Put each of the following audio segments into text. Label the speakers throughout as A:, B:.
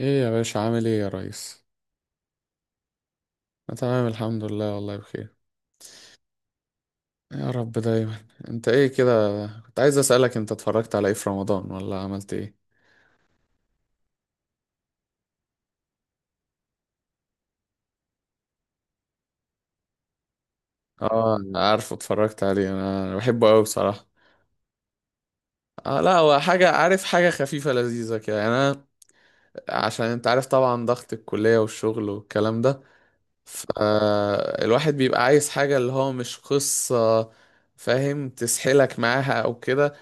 A: ايه يا باشا، عامل ايه يا ريس؟ أنا تمام، الحمد لله، والله بخير. يا رب دايما. انت ايه كده؟ كنت عايز اسالك، انت اتفرجت على ايه في رمضان ولا عملت ايه؟ اه، أنا عارفه، اتفرجت عليه. أنا بحبه قوي بصراحه. آه، لا، هو حاجه، عارف، حاجه خفيفه لذيذه كده يعني. انا عشان انت عارف طبعا، ضغط الكليه والشغل والكلام ده، فالواحد بيبقى عايز حاجه اللي هو مش قصه، فاهم، تسحلك معاها او كده.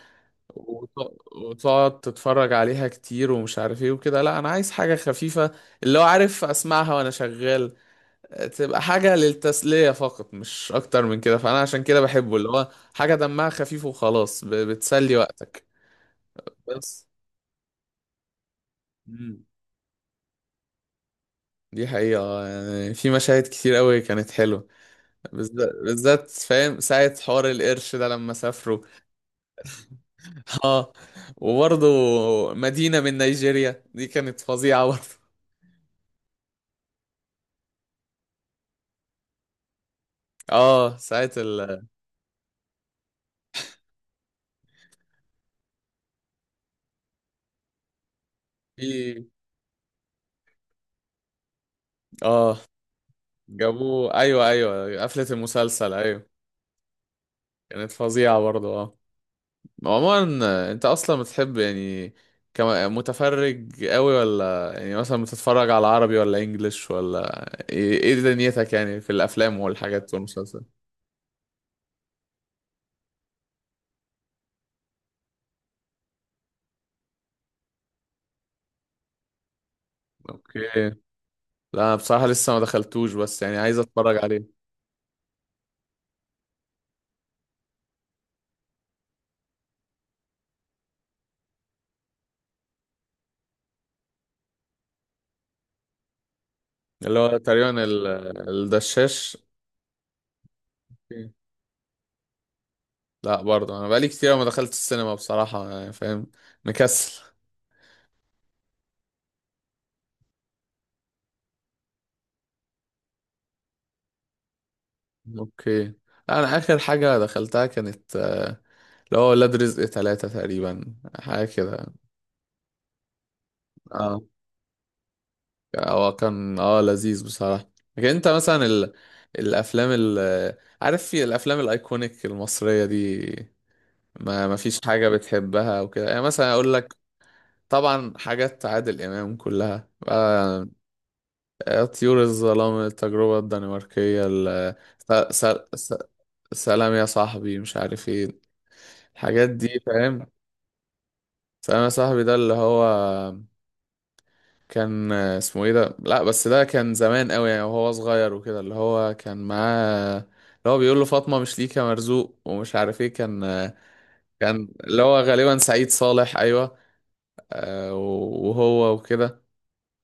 A: وت- وتقعد تتفرج عليها كتير ومش عارف ايه وكده. لا، انا عايز حاجة خفيفة، اللي هو، عارف، اسمعها وانا شغال، تبقى حاجة للتسلية فقط، مش اكتر من كده. فانا عشان كده بحبه، اللي هو حاجة دمها خفيف وخلاص، بتسلي وقتك، بس. مم. دي حقيقة. يعني في مشاهد كتير قوي كانت حلوة، بالذات بالذات، فاهم، ساعة حوار القرش ده لما سافروا. اه. وبرضه مدينة من نيجيريا دي كانت فظيعة برضه. اه، ساعة ال. في. اه. جابوه، ايوه، ايوه، قفلة المسلسل، ايوه. كانت فظيعة برضه، اه. عموما، انت اصلا بتحب يعني، متفرج قوي، ولا يعني مثلا بتتفرج على عربي ولا انجليش ولا ايه؟ إيه دنيتك يعني في الافلام والحاجات والمسلسل؟ اوكي. لا، أنا بصراحة لسه ما دخلتوش، بس يعني عايز اتفرج عليه. اللي هو تقريبا الدشاش. أوكي. لا برضه، انا بقالي كتير ما دخلت السينما بصراحة، يعني فاهم، مكسل. اوكي. انا اخر حاجة دخلتها كانت اللي هو ولاد رزق ثلاثة تقريبا، حاجة كده. اه، هو كان لذيذ بصراحة. لكن انت مثلا ال، الافلام ال، عارف، في الافلام الايكونيك المصرية دي ما فيش حاجة بتحبها وكده؟ يعني مثلا اقول لك، طبعا حاجات عادل امام كلها، طيور الظلام، التجربة الدنماركية، ال... س... س... س... سلام يا صاحبي، مش عارف ايه، الحاجات دي، فاهم. سلام يا صاحبي ده اللي هو، كان اسمه ايه ده؟ لا، بس ده كان زمان قوي يعني، وهو صغير وكده، اللي هو كان معاه، اللي هو بيقول له فاطمة مش ليك يا مرزوق، ومش عارف ايه كان. كان اللي هو غالبا سعيد صالح، ايوه. وهو وكده،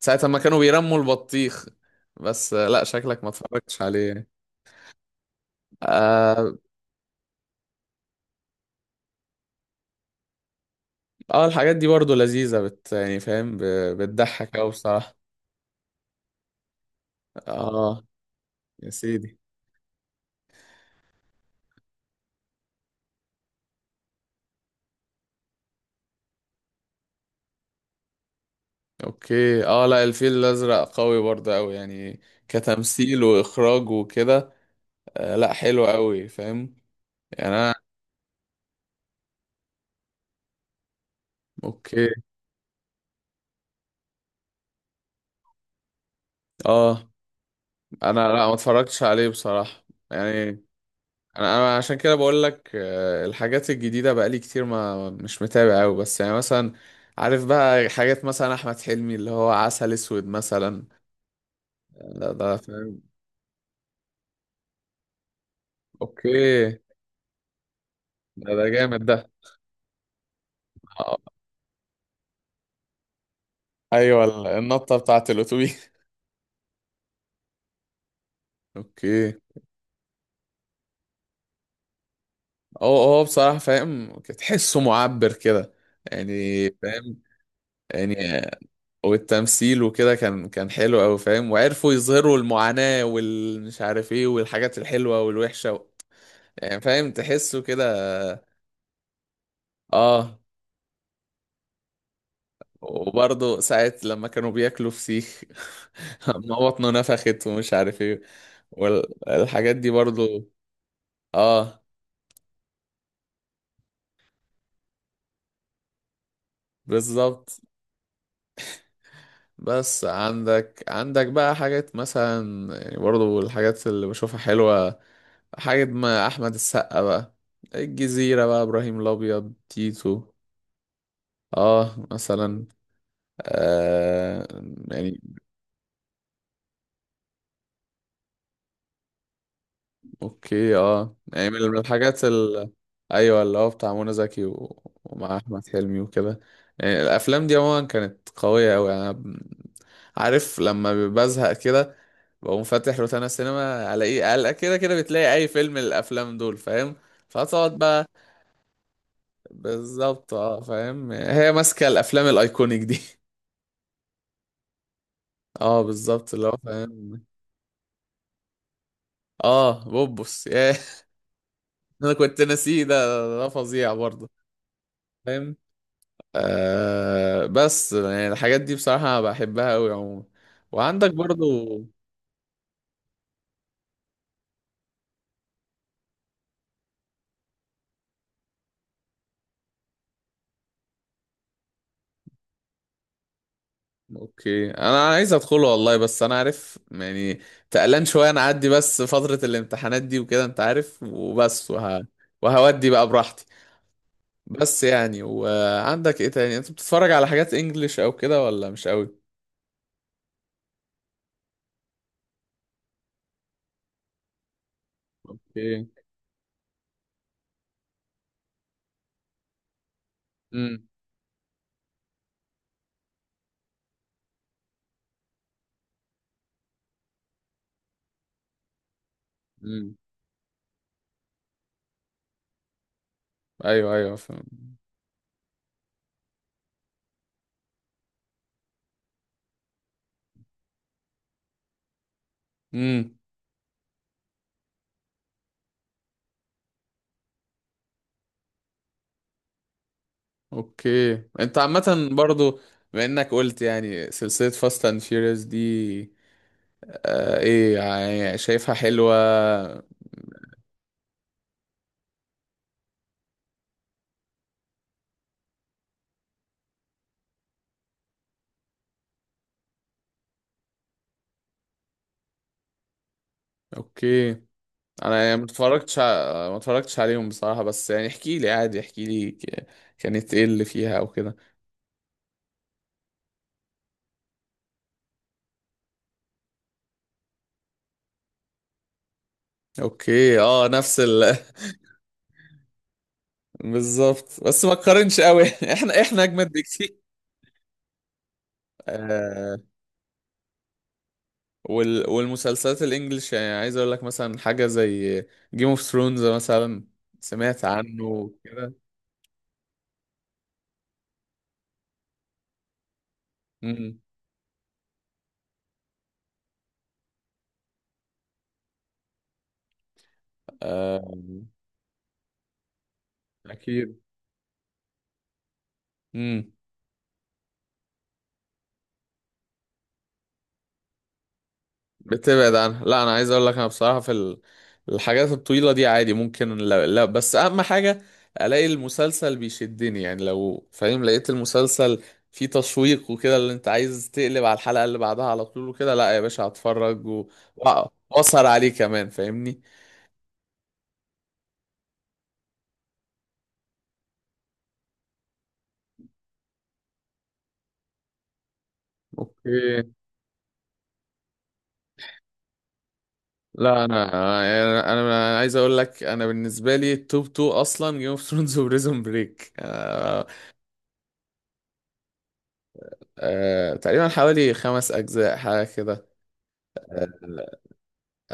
A: ساعة ما كانوا بيرموا البطيخ. بس لا، شكلك ما اتفرجتش عليه يعني. اه. الحاجات دي برضو لذيذة، يعني فاهم، بتضحك قوي بصراحة. اه، يا سيدي. اوكي، اه، لا، الفيل الازرق قوي برضه، قوي يعني كتمثيل واخراج وكده. آه، لا، حلو قوي فاهم. يعني انا، اوكي، اه، انا لا، ما اتفرجتش عليه بصراحة يعني. انا عشان كده بقول لك، الحاجات الجديدة بقالي كتير ما مش متابع قوي، بس يعني مثلا، عارف بقى، حاجات مثلا احمد حلمي اللي هو عسل اسود مثلا، ده فاهم. اوكي، ده جامد ده. آه، ايوه، النطة بتاعت الاتوبيس. اوكي. هو هو بصراحة، فاهم، تحسه معبر كده، يعني فاهم، يعني والتمثيل وكده كان حلو أوي، فاهم، وعرفوا يظهروا المعاناة والمش عارف ايه، والحاجات الحلوة والوحشة، و... يعني فاهم، تحسه كده. اه، وبرضه ساعة لما كانوا بياكلوا فسيخ، ما بطنه نفخت ومش عارف ايه والحاجات دي برضه. اه، بالظبط. بس عندك بقى حاجات مثلا، يعني برضو الحاجات اللي بشوفها حلوة، حاجة ما أحمد السقا بقى، الجزيرة بقى، إبراهيم الأبيض، تيتو. اه مثلا، آه، يعني. اوكي، اه، يعني من الحاجات ال، ايوه اللي هو بتاع منى زكي، و... ومع احمد حلمي وكده، يعني الافلام دي عموما كانت قويه قوي. انا عارف، لما بزهق كده بقوم فاتح روتانا سينما، الاقي قلق كده كده بتلاقي اي فيلم من الافلام دول، فاهم، فتقعد بقى. بالظبط، اه، فاهم، هي ماسكه الافلام الايكونيك دي. اه، بالظبط، اللي هو، فاهم. اه، بوبس، ياه. انا كنت ناسيه ده، ده فظيع برضه، فاهم. بس يعني الحاجات دي بصراحة بحبها أوي عموما، وعندك برضو. اوكي، انا عايز ادخله والله، بس انا عارف يعني، تقلان شوية. انا اعدي بس فترة الامتحانات دي وكده انت عارف، وبس وهودي بقى براحتي. بس يعني، وعندك ايه تاني؟ انت بتتفرج على حاجات انجليش او كده، ولا مش قوي؟ اوكي. امم. امم. ايوه، ايوه، فاهم. امم. اوكي. انت عامة برضو، بما انك قلت يعني سلسلة فاست اند فيوريوس دي، ايه يعني، شايفها حلوة؟ اوكي، انا يعني ما اتفرجتش عليهم بصراحة، بس يعني احكي لي عادي، احكي لي كانت ايه اللي فيها او كده. اوكي، اه، نفس ال. بالظبط، بس ما تقارنش قوي. احنا اجمد بكتير. آه. والمسلسلات الانجليش، يعني عايز اقول لك مثلا حاجة زي جيم اوف ثرونز مثلا، سمعت عنه كده؟ امم. آه، اكيد. امم. بتبعد عنها. لا، انا عايز اقول لك، انا بصراحه في الحاجات الطويله دي عادي ممكن. لا، لا، بس اهم حاجه الاقي المسلسل بيشدني، يعني لو فاهم لقيت المسلسل فيه تشويق وكده، اللي انت عايز تقلب على الحلقه اللي بعدها على طول وكده، لا يا باشا، هتفرج واسهر عليه كمان فاهمني. اوكي، لا، انا انا أنا عايز اقول لك، انا بالنسبه لي التوب 2 اصلا جيم اوف ثرونز وبريزون بريك، أه. أه، تقريبا حوالي خمس اجزاء، حاجه كده.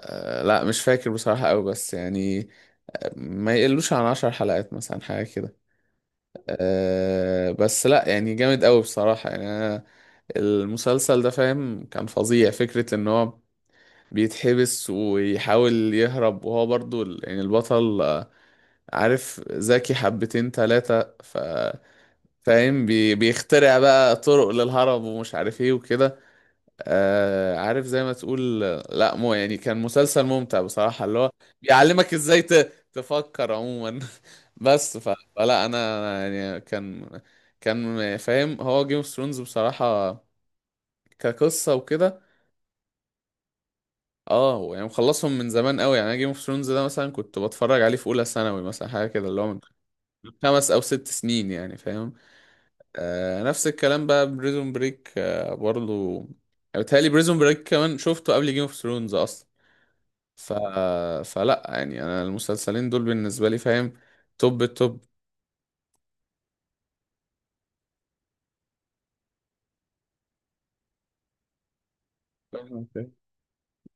A: لا مش فاكر بصراحة أوي، بس يعني ما يقلوش عن عشر حلقات مثلا، حاجة كده. أه، بس لا، يعني جامد أوي بصراحة. يعني أنا المسلسل ده، فاهم، كان فظيع. فكرة إن هو بيتحبس ويحاول يهرب، وهو برضو يعني البطل، عارف، ذكي حبتين تلاتة، ف فاهم، بيخترع بقى طرق للهرب ومش عارف ايه وكده. آه، عارف، زي ما تقول. لا مو، يعني كان مسلسل ممتع بصراحة، اللي هو بيعلمك ازاي ت، تفكر عموما. بس ف، فلا انا، أنا يعني كان فاهم، هو جيم اوف ثرونز بصراحة كقصة وكده. اه، يعني مخلصهم من زمان قوي. يعني انا جيم اوف ثرونز ده مثلا كنت بتفرج عليه في اولى ثانوي، مثلا حاجة كده، اللي هو من خمس او ست سنين، يعني فاهم. آه، نفس الكلام بقى بريزون بريك، برضو يعني، بيتهيألي بريزون بريك كمان شفته قبل جيم اوف ثرونز اصلا. ف، فلا يعني، انا المسلسلين دول بالنسبه لي، فاهم، توب التوب. فاهم إزاي؟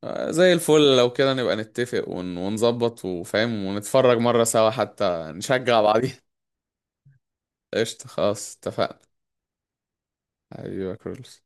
A: زي الفل، لو كده نبقى نتفق ونظبط، وفاهم، ونتفرج مره سوا حتى نشجع بعضينا. قشطه، خلاص اتفقنا. ايوه، كرولس.